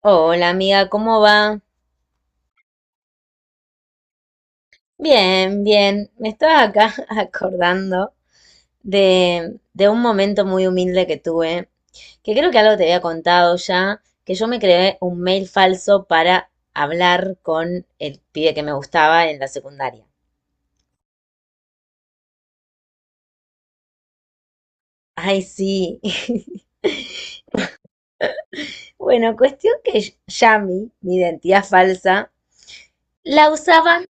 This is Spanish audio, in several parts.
Hola amiga, ¿cómo va? Bien, bien. Me estaba acá acordando de un momento muy humilde que tuve, que creo que algo te había contado ya, que yo me creé un mail falso para hablar con el pibe que me gustaba en la secundaria. Ay, sí. Bueno, cuestión que Yami, mi identidad falsa, la usaba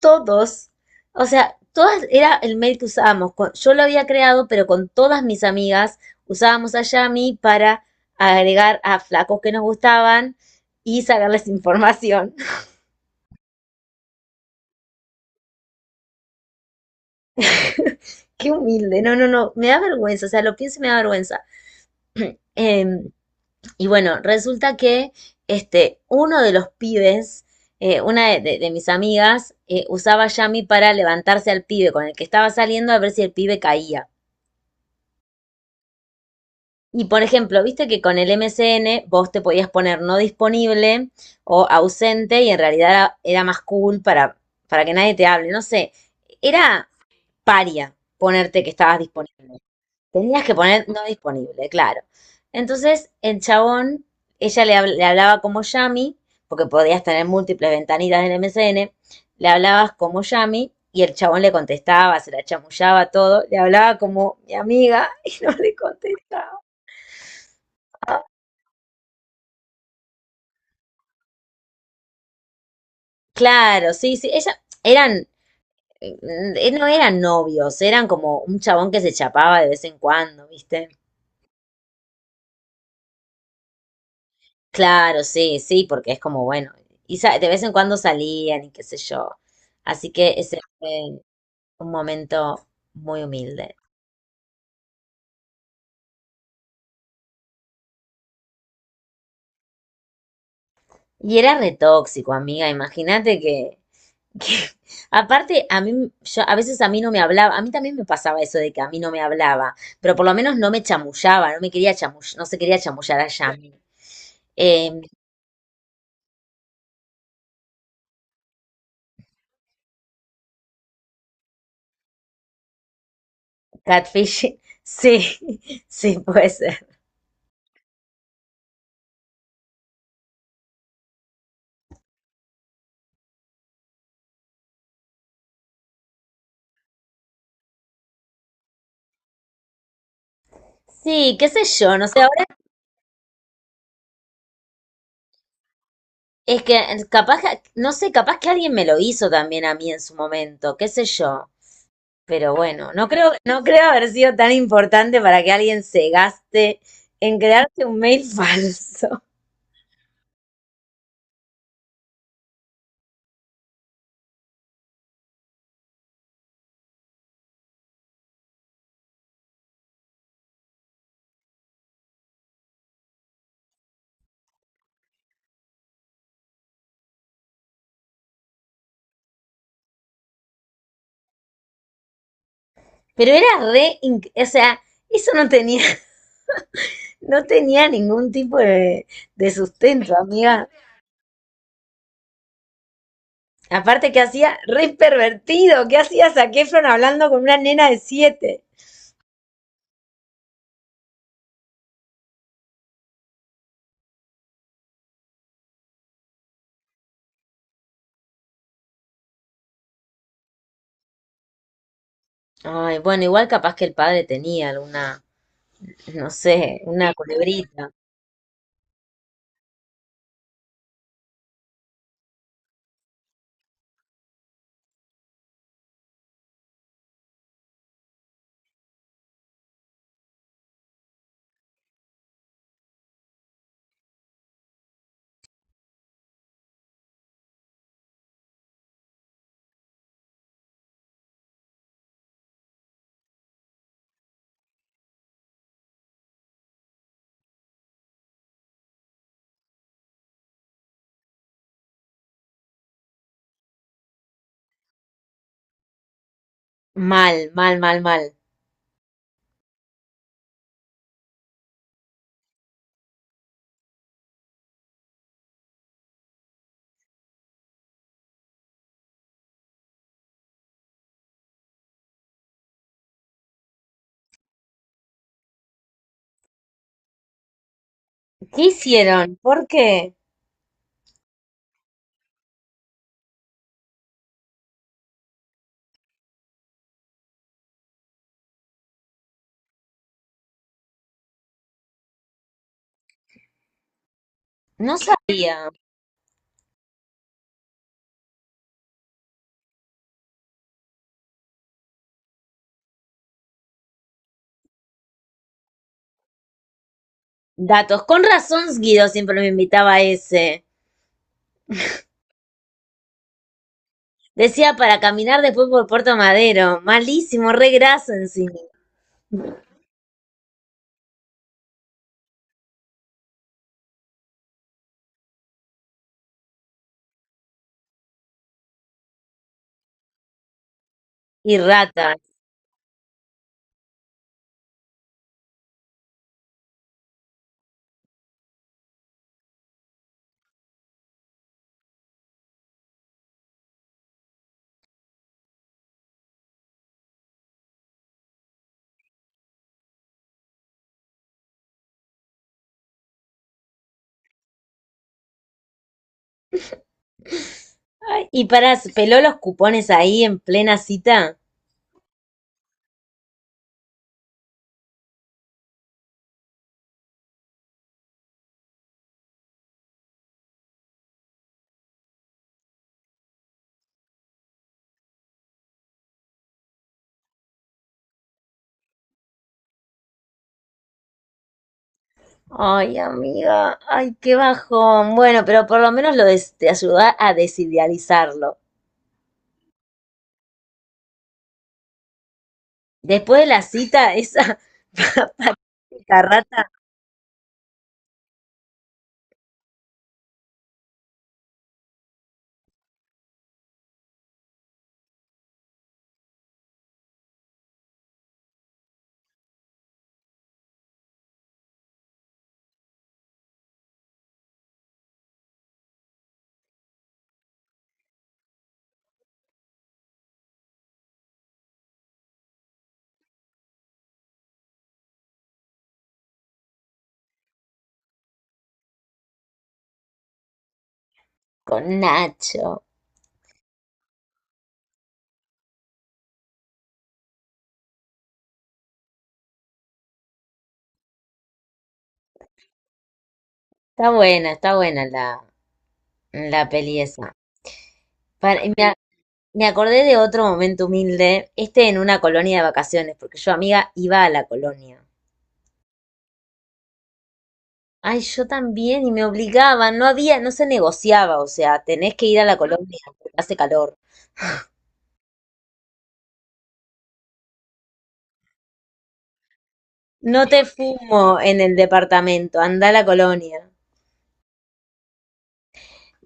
todos, o sea, todas era el mail que usábamos. Yo lo había creado, pero con todas mis amigas usábamos a Yami para agregar a flacos que nos gustaban y sacarles información. Qué humilde, no, no, no, me da vergüenza, o sea, lo pienso y me da vergüenza. Em, y bueno, resulta que este, uno de los pibes, una de, de mis amigas, usaba Yami para levantarse al pibe con el que estaba saliendo a ver si el pibe caía. Y por ejemplo, viste que con el MCN vos te podías poner no disponible o ausente y en realidad era más cool para que nadie te hable. No sé, era paria ponerte que estabas disponible. Tenías que poner no disponible, claro. Entonces, el chabón, ella le hablaba como Yami, porque podías tener múltiples ventanitas del MCN, le hablabas como Yami y el chabón le contestaba, se la chamullaba todo, le hablaba como mi amiga y no le contestaba. Claro, sí, sí. No eran novios, eran como un chabón que se chapaba de vez en cuando, ¿viste? Claro, sí, sí, porque es como, bueno, y de vez en cuando salían y qué sé yo. Así que ese fue un momento muy humilde. Y era re tóxico, amiga, imagínate que- aparte, yo, a veces a mí no me hablaba, a mí también me pasaba eso de que a mí no me hablaba, pero por lo menos no me chamullaba, no me quería chamullar, no se quería chamullar a Yami. Em, Catfish, sí, sí puede ser. Sí, qué sé yo, no sé, ahora es que no sé, capaz que alguien me lo hizo también a mí en su momento, qué sé yo. Pero bueno, no creo haber sido tan importante para que alguien se gaste en crearte un mail falso. Pero era re, o sea, eso no tenía ningún tipo de sustento, amiga. Aparte que hacía re pervertido, ¿qué hacía Zac Efron hablando con una nena de 7? Ay, bueno, igual capaz que el padre tenía alguna, no sé, una culebrita. Mal, mal, mal, mal. ¿Qué hicieron? ¿Por qué? No sabía. Datos. Con razón, Guido siempre me invitaba a ese. Decía para caminar después por Puerto Madero. Malísimo, re graso encima. Y rata. Ay, y para, peló los cupones ahí en plena cita. Ay, amiga, ay, qué bajón. Bueno, pero por lo menos te ayuda a desidealizarlo. Después de la cita, esa patética rata con Nacho. Está buena la peli esa. Para- y me, a- Me acordé de otro momento humilde, este en una colonia de vacaciones, porque yo, amiga, iba a la colonia. Ay, yo también, y me obligaban, no había, no se negociaba, o sea, tenés que ir a la colonia porque hace calor. No te fumo en el departamento, anda a la colonia.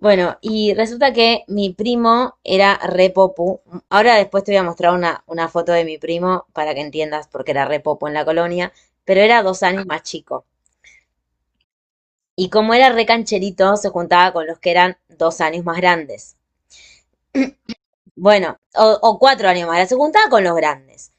Bueno, y resulta que mi primo era re popu. Ahora después te voy a mostrar una foto de mi primo para que entiendas por qué era re popu en la colonia, pero era dos años más chico. Y como era re cancherito, se juntaba con los que eran 2 años más grandes. Bueno, o 4 años más grandes, se juntaba con los grandes.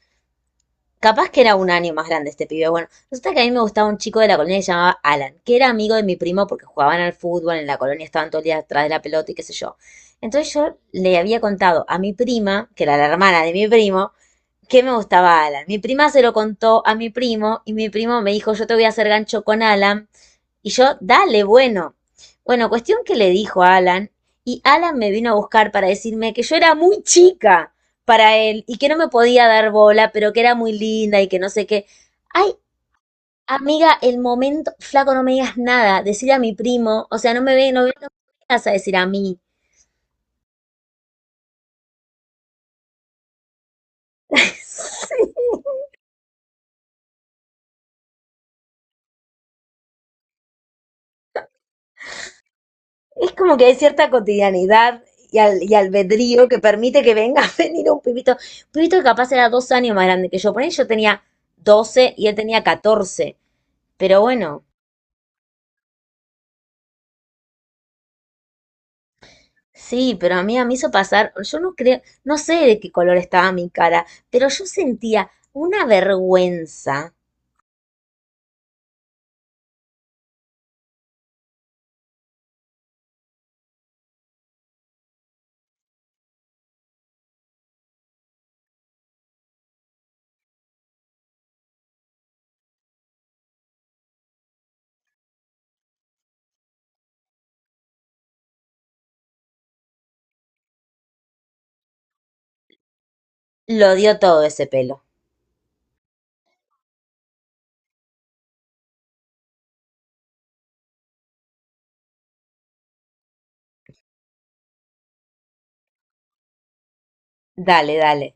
Capaz que era 1 año más grande este pibe. Bueno, resulta que a mí me gustaba un chico de la colonia que se llamaba Alan, que era amigo de mi primo porque jugaban al fútbol, en la colonia estaban todo el día atrás de la pelota y qué sé yo. Entonces yo le había contado a mi prima, que era la hermana de mi primo, qué me gustaba Alan. Mi prima se lo contó a mi primo y mi primo me dijo, yo te voy a hacer gancho con Alan. Y yo, dale, bueno. Bueno, cuestión que le dijo a Alan y Alan me vino a buscar para decirme que yo era muy chica para él y que no me podía dar bola, pero que era muy linda y que no sé qué. Ay, amiga, el momento, flaco, no me digas nada, decir a mi primo, o sea, no me ve, no me vas a decir a mí. Es como que hay cierta cotidianidad y albedrío que permite que venga a venir un pibito. Un pibito que capaz era 2 años más grande que yo. Por ahí yo tenía 12 y él tenía 14. Pero bueno, sí, pero a mí me hizo pasar. Yo no creo, no sé de qué color estaba mi cara, pero yo sentía una vergüenza. Lo dio todo ese pelo. Dale, dale.